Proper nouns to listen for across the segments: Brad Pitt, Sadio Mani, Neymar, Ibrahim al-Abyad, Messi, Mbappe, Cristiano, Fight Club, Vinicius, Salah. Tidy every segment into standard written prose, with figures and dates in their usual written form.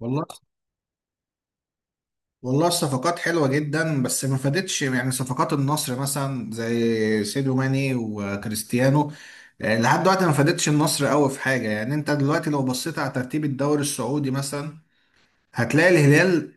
والله والله الصفقات حلوة جدا، بس ما فادتش، يعني صفقات النصر مثلا زي سيدو ماني وكريستيانو لحد دلوقتي ما فادتش النصر قوي في حاجة. يعني انت دلوقتي لو بصيت على ترتيب الدوري السعودي مثلا، هتلاقي الهلال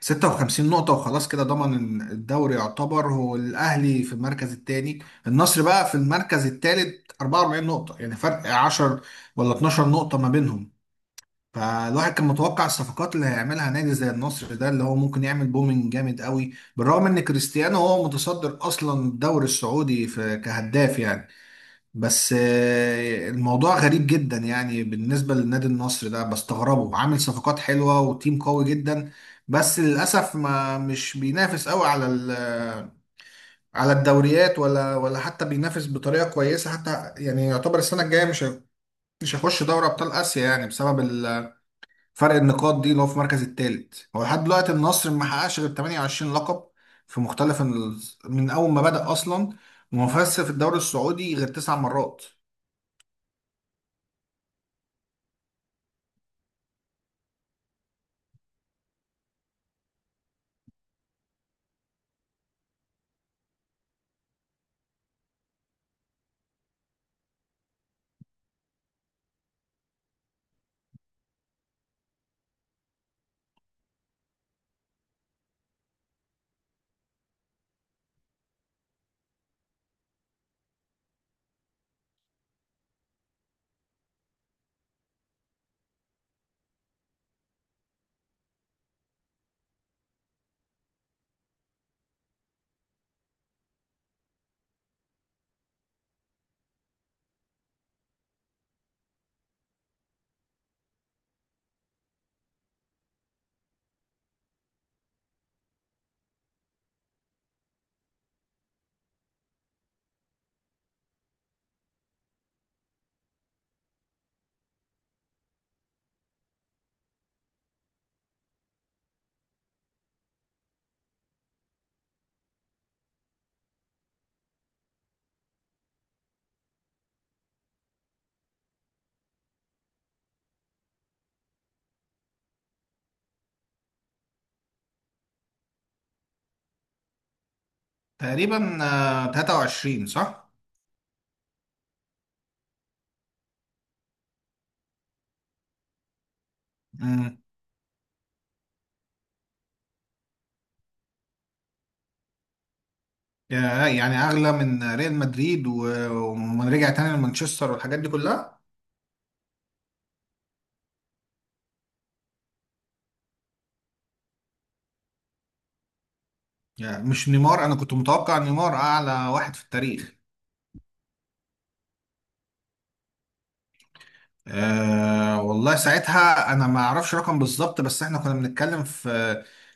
56 نقطة وخلاص، كده ضمن الدوري يعتبر. هو الأهلي في المركز الثاني، النصر بقى في المركز الثالث 44 نقطة، يعني فرق 10 ولا 12 نقطة ما بينهم. فالواحد كان متوقع الصفقات اللي هيعملها نادي زي النصر ده اللي هو ممكن يعمل بومينج جامد قوي، بالرغم ان كريستيانو هو متصدر اصلا الدوري السعودي في كهداف يعني. بس الموضوع غريب جدا يعني بالنسبة للنادي. النصر ده بستغربه، عامل صفقات حلوة وتيم قوي جدا، بس للأسف ما مش بينافس قوي على على الدوريات، ولا حتى بينافس بطريقة كويسة حتى، يعني يعتبر السنة الجاية مش هيخش دوري أبطال آسيا يعني بسبب فرق النقاط دي، اللي هو في المركز الثالث. هو لحد دلوقتي النصر ما حققش غير 28 لقب في مختلف من اول ما بدأ اصلا، وما فازش في الدوري السعودي غير 9 مرات تقريبا. 23 صح؟ امم. يعني اغلى من ريال مدريد ومن رجع تاني لمانشستر والحاجات دي كلها. يعني مش نيمار؟ انا كنت متوقع نيمار اعلى واحد في التاريخ. أه والله ساعتها انا ما اعرفش رقم بالظبط، بس احنا كنا بنتكلم في،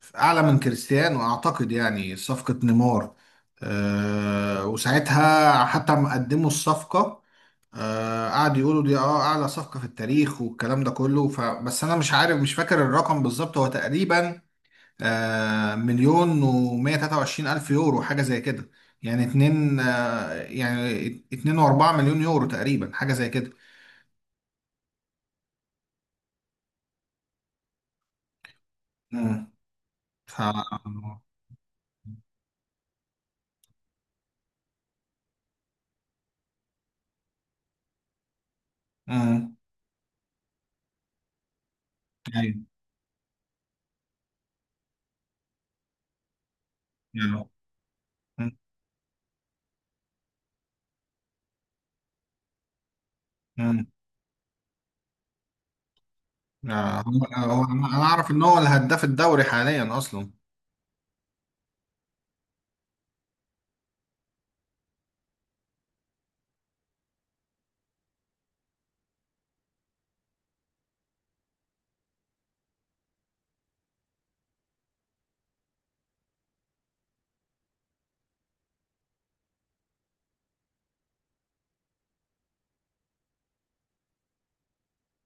في اعلى من كريستيانو اعتقد، يعني صفقة نيمار. أه وساعتها حتى ما قدموا الصفقة. أه قعدوا يقولوا دي اه اعلى صفقة في التاريخ والكلام ده كله. ف بس انا مش عارف، مش فاكر الرقم بالظبط. هو تقريبا أه مليون ومية تلاتة وعشرين الف يورو، حاجة زي كده. يعني اتنين يعني اتنين واربعة مليون يورو تقريبا، حاجة زي كده. مم. ف- امم. ايوه. أيوة. أمم. أمم. انا اعرف ان هو الهداف الدوري حاليا اصلا.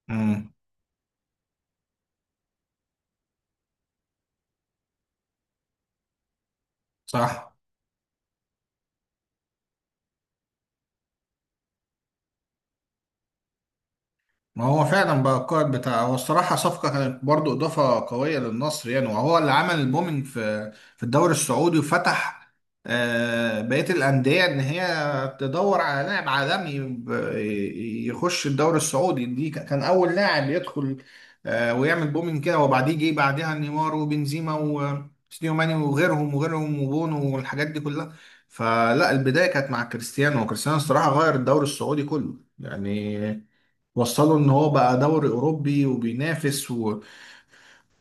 امم. صح. ما هو فعلا بقى القائد بتاع. هو الصراحة صفقة كانت برضو إضافة قوية للنصر يعني، وهو اللي عمل البومينج في الدوري السعودي وفتح بقية الأندية إن هي تدور على لاعب عالمي يخش الدوري السعودي دي. كان أول لاعب يدخل ويعمل بومينج كده، وبعديه جه بعدها نيمار وبنزيما وسيديو ماني وغيرهم وغيرهم وبونو والحاجات دي كلها. فلا، البداية كانت مع كريستيانو، وكريستيانو الصراحة غير الدوري السعودي كله يعني. وصلوا ان هو بقى دوري اوروبي وبينافس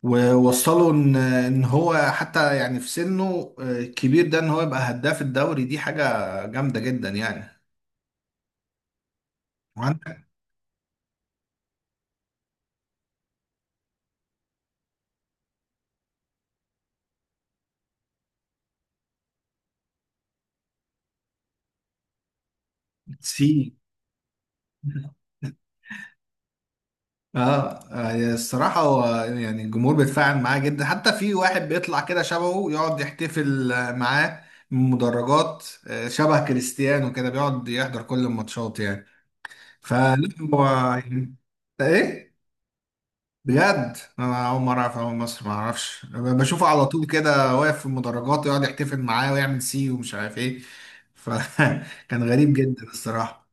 ووصلوا ان هو حتى، يعني في سنه الكبير ده، ان هو يبقى هداف الدوري، دي حاجة جامدة جدا يعني. وعندك سي. اه يعني الصراحة هو يعني الجمهور بيتفاعل معاه جدا، حتى في واحد بيطلع كده شبهه يقعد يحتفل معاه من المدرجات، شبه كريستيانو كده، بيقعد يحضر كل الماتشات يعني. فلا. هو يعني- ايه، بجد انا اول مره اعرف اول مصر ما اعرفش بشوفه على طول كده واقف في المدرجات ويقعد يحتفل معاه ويعمل سي ومش عارف ايه. فكان غريب جدا الصراحه.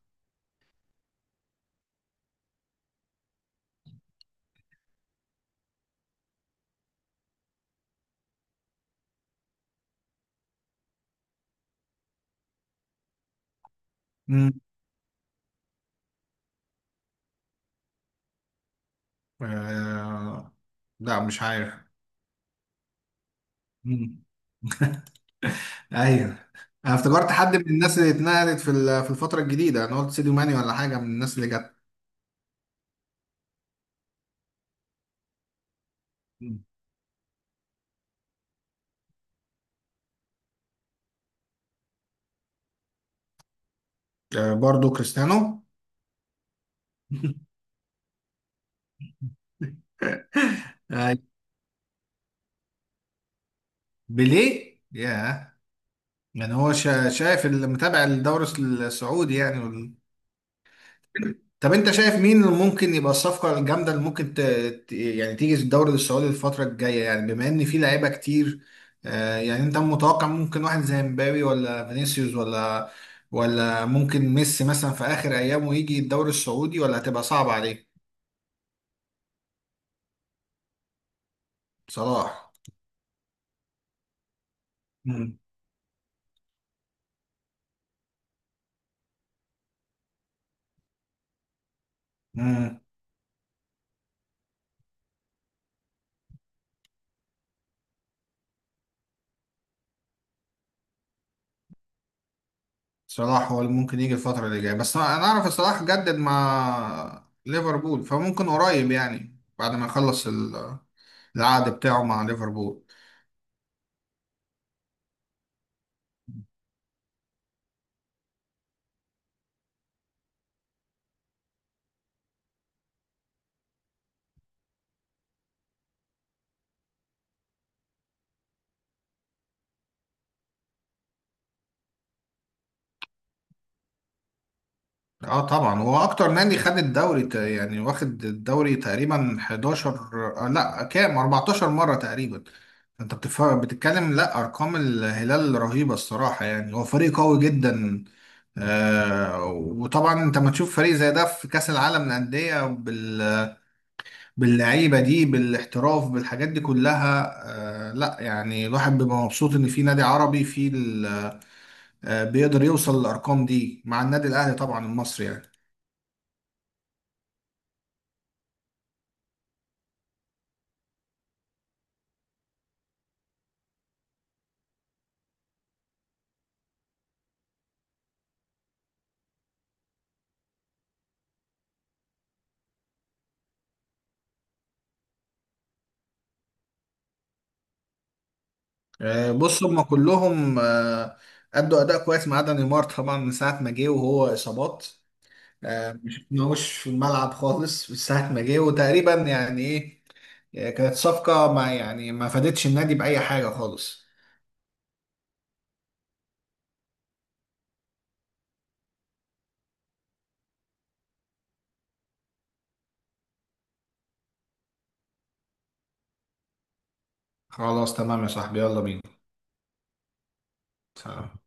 امم. آه... لا مش عارف. مم. ايوه. انا افتكرت حد من الناس اللي اتنقلت في الفتره الجديده، انا قلت سيديو ماني ولا حاجه من الناس اللي جت. مم. آه برضو كريستيانو. آه. بيليه، ياه. يعني هو شايف اللي متابع الدوري السعودي يعني. طب انت شايف مين اللي ممكن يبقى الصفقة الجامدة اللي ممكن يعني تيجي الدوري السعودي الفترة الجاية، يعني بما ان في لعيبة كتير. يعني انت متوقع ممكن واحد زي مبابي ولا فينيسيوس ولا ممكن ميسي مثلا في اخر ايامه يجي الدوري السعودي، ولا هتبقى صعبة عليه؟ صلاح. مم. مم. صلاح هو اللي ممكن يجي الفترة اللي جاية، بس انا اعرف صلاح جدد مع ليفربول، فممكن قريب يعني بعد ما يخلص العقد بتاعه مع ليفربول. اه طبعا هو اكتر نادي خد الدوري، يعني واخد الدوري تقريبا 11، آه لا كام، 14 مرة تقريبا. انت بتتكلم، لا، ارقام الهلال رهيبة الصراحة، يعني هو فريق قوي جدا. آه وطبعا انت ما تشوف فريق زي ده في كأس العالم للأندية باللعيبة دي، بالاحتراف، بالحاجات دي كلها. آه لا يعني الواحد بيبقى مبسوط ان في نادي عربي آه بيقدر يوصل للارقام دي، مع النادي الاهلي طبعا المصري يعني. بص هم كلهم أدوا أداء كويس ما عدا نيمار طبعا، من ساعة ما جه وهو إصابات. ما شفناهوش في الملعب خالص من ساعة ما جه، وتقريبا يعني إيه، كانت صفقة ما، يعني ما فادتش النادي بأي حاجة خالص. خلاص تمام يا صاحبي، يلا بينا.